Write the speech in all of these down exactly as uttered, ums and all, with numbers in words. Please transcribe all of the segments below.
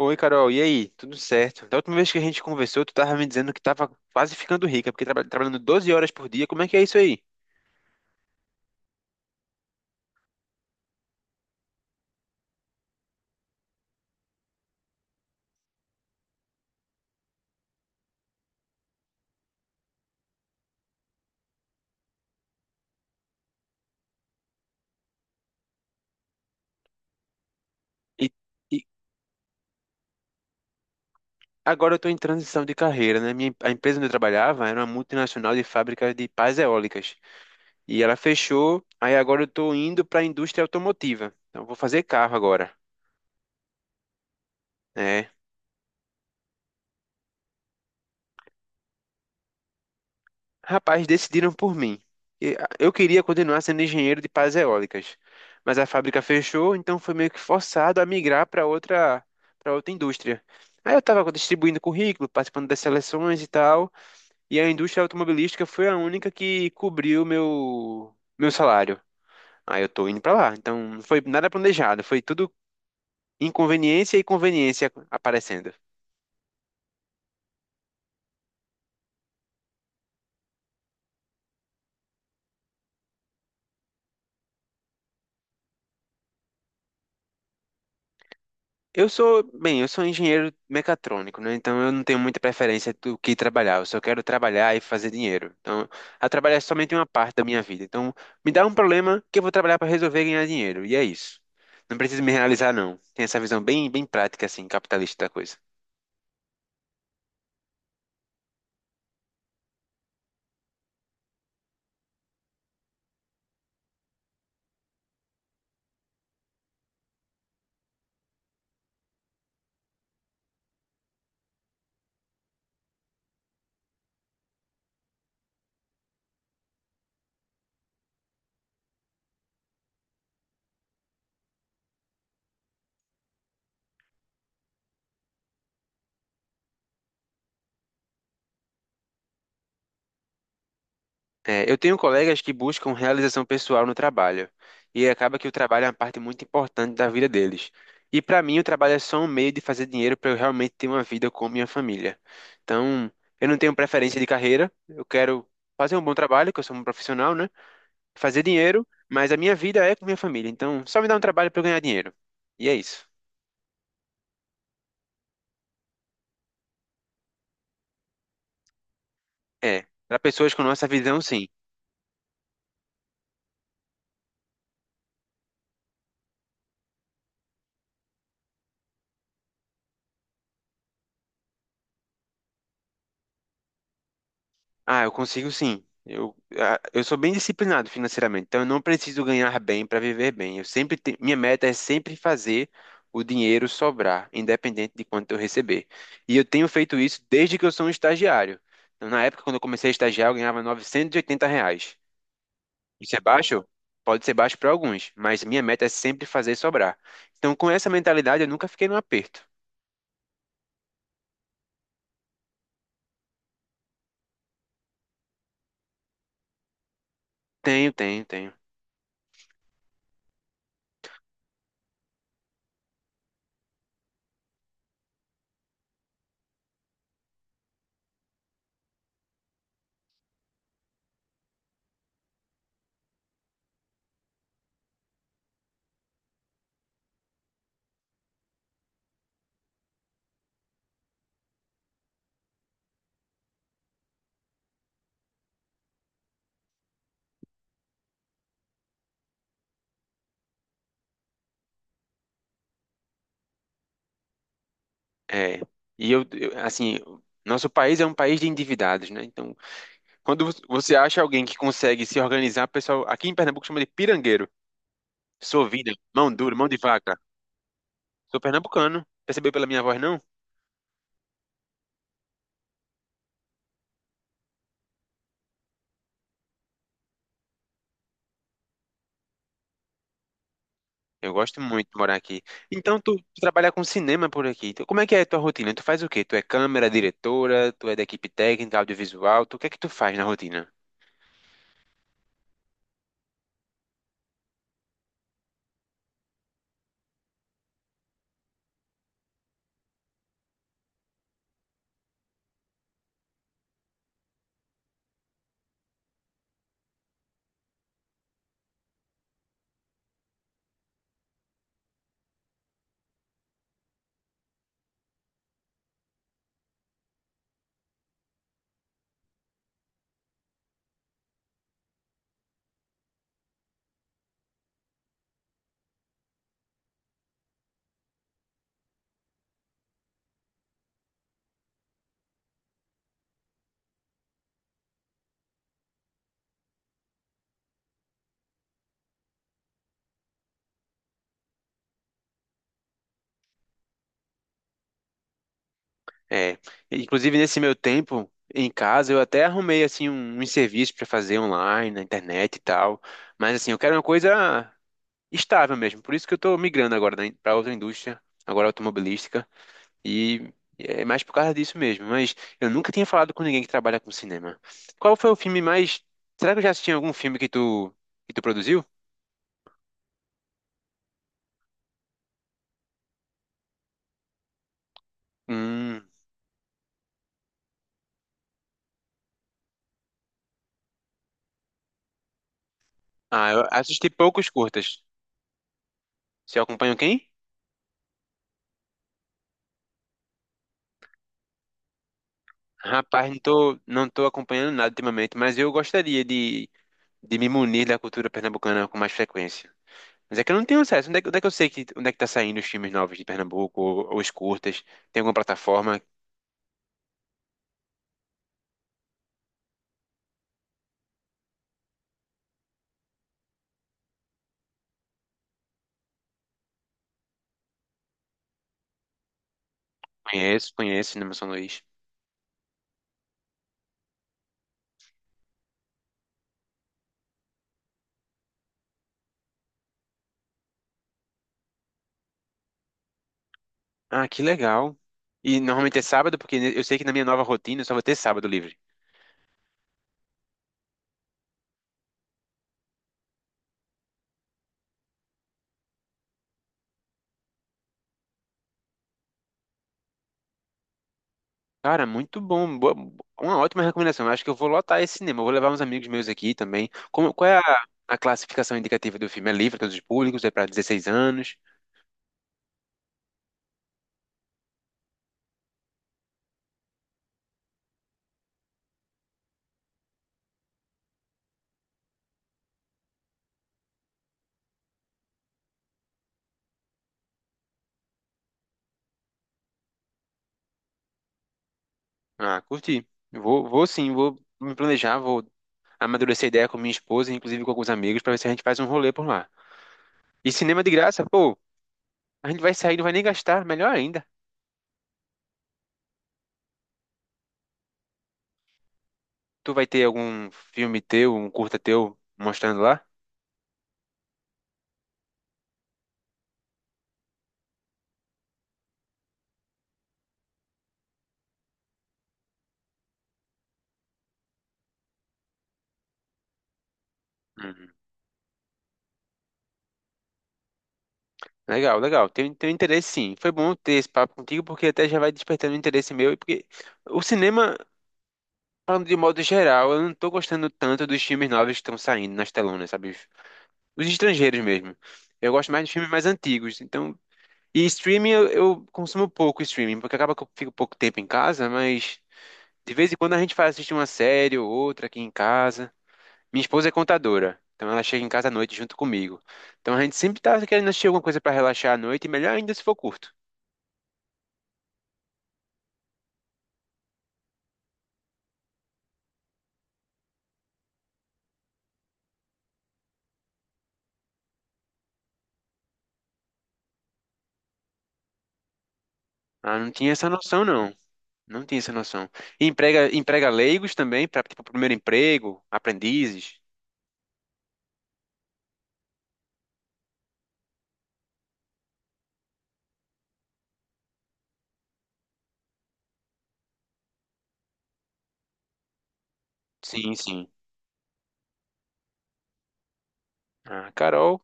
Oi, Carol, e aí? Tudo certo? Da última vez que a gente conversou, tu tava me dizendo que tava quase ficando rica, porque traba- trabalhando doze horas por dia, como é que é isso aí? E, e Agora eu tô em transição de carreira, né? Minha, a empresa onde eu trabalhava era uma multinacional de fábrica de pás eólicas. E ela fechou, aí agora eu tô indo pra indústria automotiva. Então eu vou fazer carro agora, né? Rapaz, decidiram por mim. E, ah, Eu queria continuar sendo engenheiro de pás eólicas, mas a fábrica fechou, então foi meio que forçado a migrar para outra, para outra indústria. Aí eu estava distribuindo currículo, participando das seleções e tal, e a indústria automobilística foi a única que cobriu meu meu salário. Aí eu tô indo para lá. Então não foi nada planejado, foi tudo inconveniência e conveniência aparecendo. Eu sou, bem, eu sou engenheiro mecatrônico, né? Então eu não tenho muita preferência do que trabalhar. Eu só quero trabalhar e fazer dinheiro. Então, a trabalhar é somente uma parte da minha vida. Então, me dá um problema que eu vou trabalhar para resolver e ganhar dinheiro. E é isso. Não preciso me realizar, não. Tem essa visão bem, bem prática, assim, capitalista da coisa. É, eu tenho colegas que buscam realização pessoal no trabalho, e acaba que o trabalho é uma parte muito importante da vida deles. E para mim, o trabalho é só um meio de fazer dinheiro para eu realmente ter uma vida com minha família. Então, eu não tenho preferência de carreira, eu quero fazer um bom trabalho, que eu sou um profissional, né? Fazer dinheiro, mas a minha vida é com minha família. Então, só me dá um trabalho para eu ganhar dinheiro. E é isso. É, para pessoas com nossa visão, sim. Ah, eu consigo sim. Eu, ah, eu sou bem disciplinado financeiramente, então eu não preciso ganhar bem para viver bem. Eu sempre te- minha meta é sempre fazer o dinheiro sobrar, independente de quanto eu receber. E eu tenho feito isso desde que eu sou um estagiário. Então, na época, quando eu comecei a estagiar, eu ganhava novecentos e oitenta reais. Isso é baixo? Pode ser baixo para alguns, mas minha meta é sempre fazer sobrar. Então, com essa mentalidade, eu nunca fiquei no aperto. Tenho, tenho, tenho. É. E eu, eu assim, Nosso país é um país de endividados, né? Então, quando vo- você acha alguém que consegue se organizar, o pessoal aqui em Pernambuco chama de pirangueiro. Sou vida, mão dura, mão de vaca. Sou pernambucano. Percebeu pela minha voz, não? Eu gosto muito de morar aqui. Então, tu, tu trabalha com cinema por aqui. Então, como é que é a tua rotina? Tu faz o quê? Tu é câmera, diretora, tu é da equipe técnica, audiovisual, tu, o que é que tu faz na rotina? É, inclusive nesse meu tempo em casa, eu até arrumei assim um, um serviço para fazer online, na internet e tal. Mas assim, eu quero uma coisa estável mesmo. Por isso que eu tô migrando agora para outra indústria, agora automobilística, e é mais por causa disso mesmo. Mas eu nunca tinha falado com ninguém que trabalha com cinema. Qual foi o filme mais. Será que eu já assisti algum filme que tu, que tu produziu? Hum. Ah, eu assisti poucos curtas. Você acompanha quem? Rapaz, não tô, não tô acompanhando nada ultimamente, mas eu gostaria de, de me munir da cultura pernambucana com mais frequência. Mas é que eu não tenho acesso. Onde é, que onde é que eu sei que, onde é que tá saindo os filmes novos de Pernambuco, ou, ou os curtas? Tem alguma plataforma? Conheço, conheço Cinema São Luís. Ah, que legal. E normalmente é sábado, porque eu sei que na minha nova rotina eu só vou ter sábado livre. Cara, muito bom. Boa- uma ótima recomendação. Eu acho que eu vou lotar esse cinema. Eu vou levar uns amigos meus aqui também. Como, qual é a, a classificação indicativa do filme? É livre para todos os públicos? É para dezesseis anos? Ah, curti. Eu Vou, vou sim, vou me planejar, vou amadurecer a ideia com minha esposa, inclusive com alguns amigos, para ver se a gente faz um rolê por lá. E cinema de graça, pô, a gente vai sair, não vai nem gastar, melhor ainda. Tu vai ter algum filme teu, um curta teu mostrando lá? Uhum. Legal, legal. Tenho, tenho interesse sim. Foi bom ter esse papo contigo, porque até já vai despertando interesse meu. e Porque o cinema, falando de modo geral, eu não tô gostando tanto dos filmes novos que estão saindo nas telonas, sabe? Os estrangeiros mesmo. Eu gosto mais de filmes mais antigos. Então, e streaming, eu, eu consumo pouco streaming, porque acaba que eu fico pouco tempo em casa, mas de vez em quando a gente faz assistir uma série ou outra aqui em casa. Minha esposa é contadora, então ela chega em casa à noite junto comigo. Então a gente sempre tá querendo assistir alguma coisa para relaxar à noite, e melhor ainda se for curto. Ah, não tinha essa noção, não. Não tinha essa noção. E emprega, emprega leigos também, para tipo, primeiro emprego, aprendizes. Sim, sim. Ah, Carol,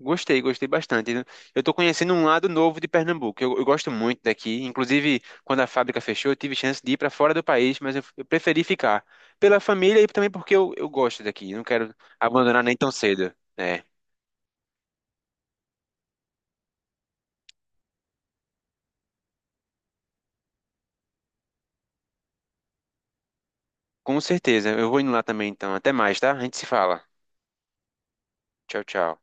gostei, gostei bastante. Eu tô conhecendo um lado novo de Pernambuco. Eu, eu gosto muito daqui. Inclusive, quando a fábrica fechou, eu tive chance de ir para fora do país, mas eu, eu preferi ficar pela família e também porque eu, eu gosto daqui. Não quero abandonar nem tão cedo. É, com certeza. Eu vou indo lá também, então. Até mais, tá? A gente se fala. Tchau, tchau.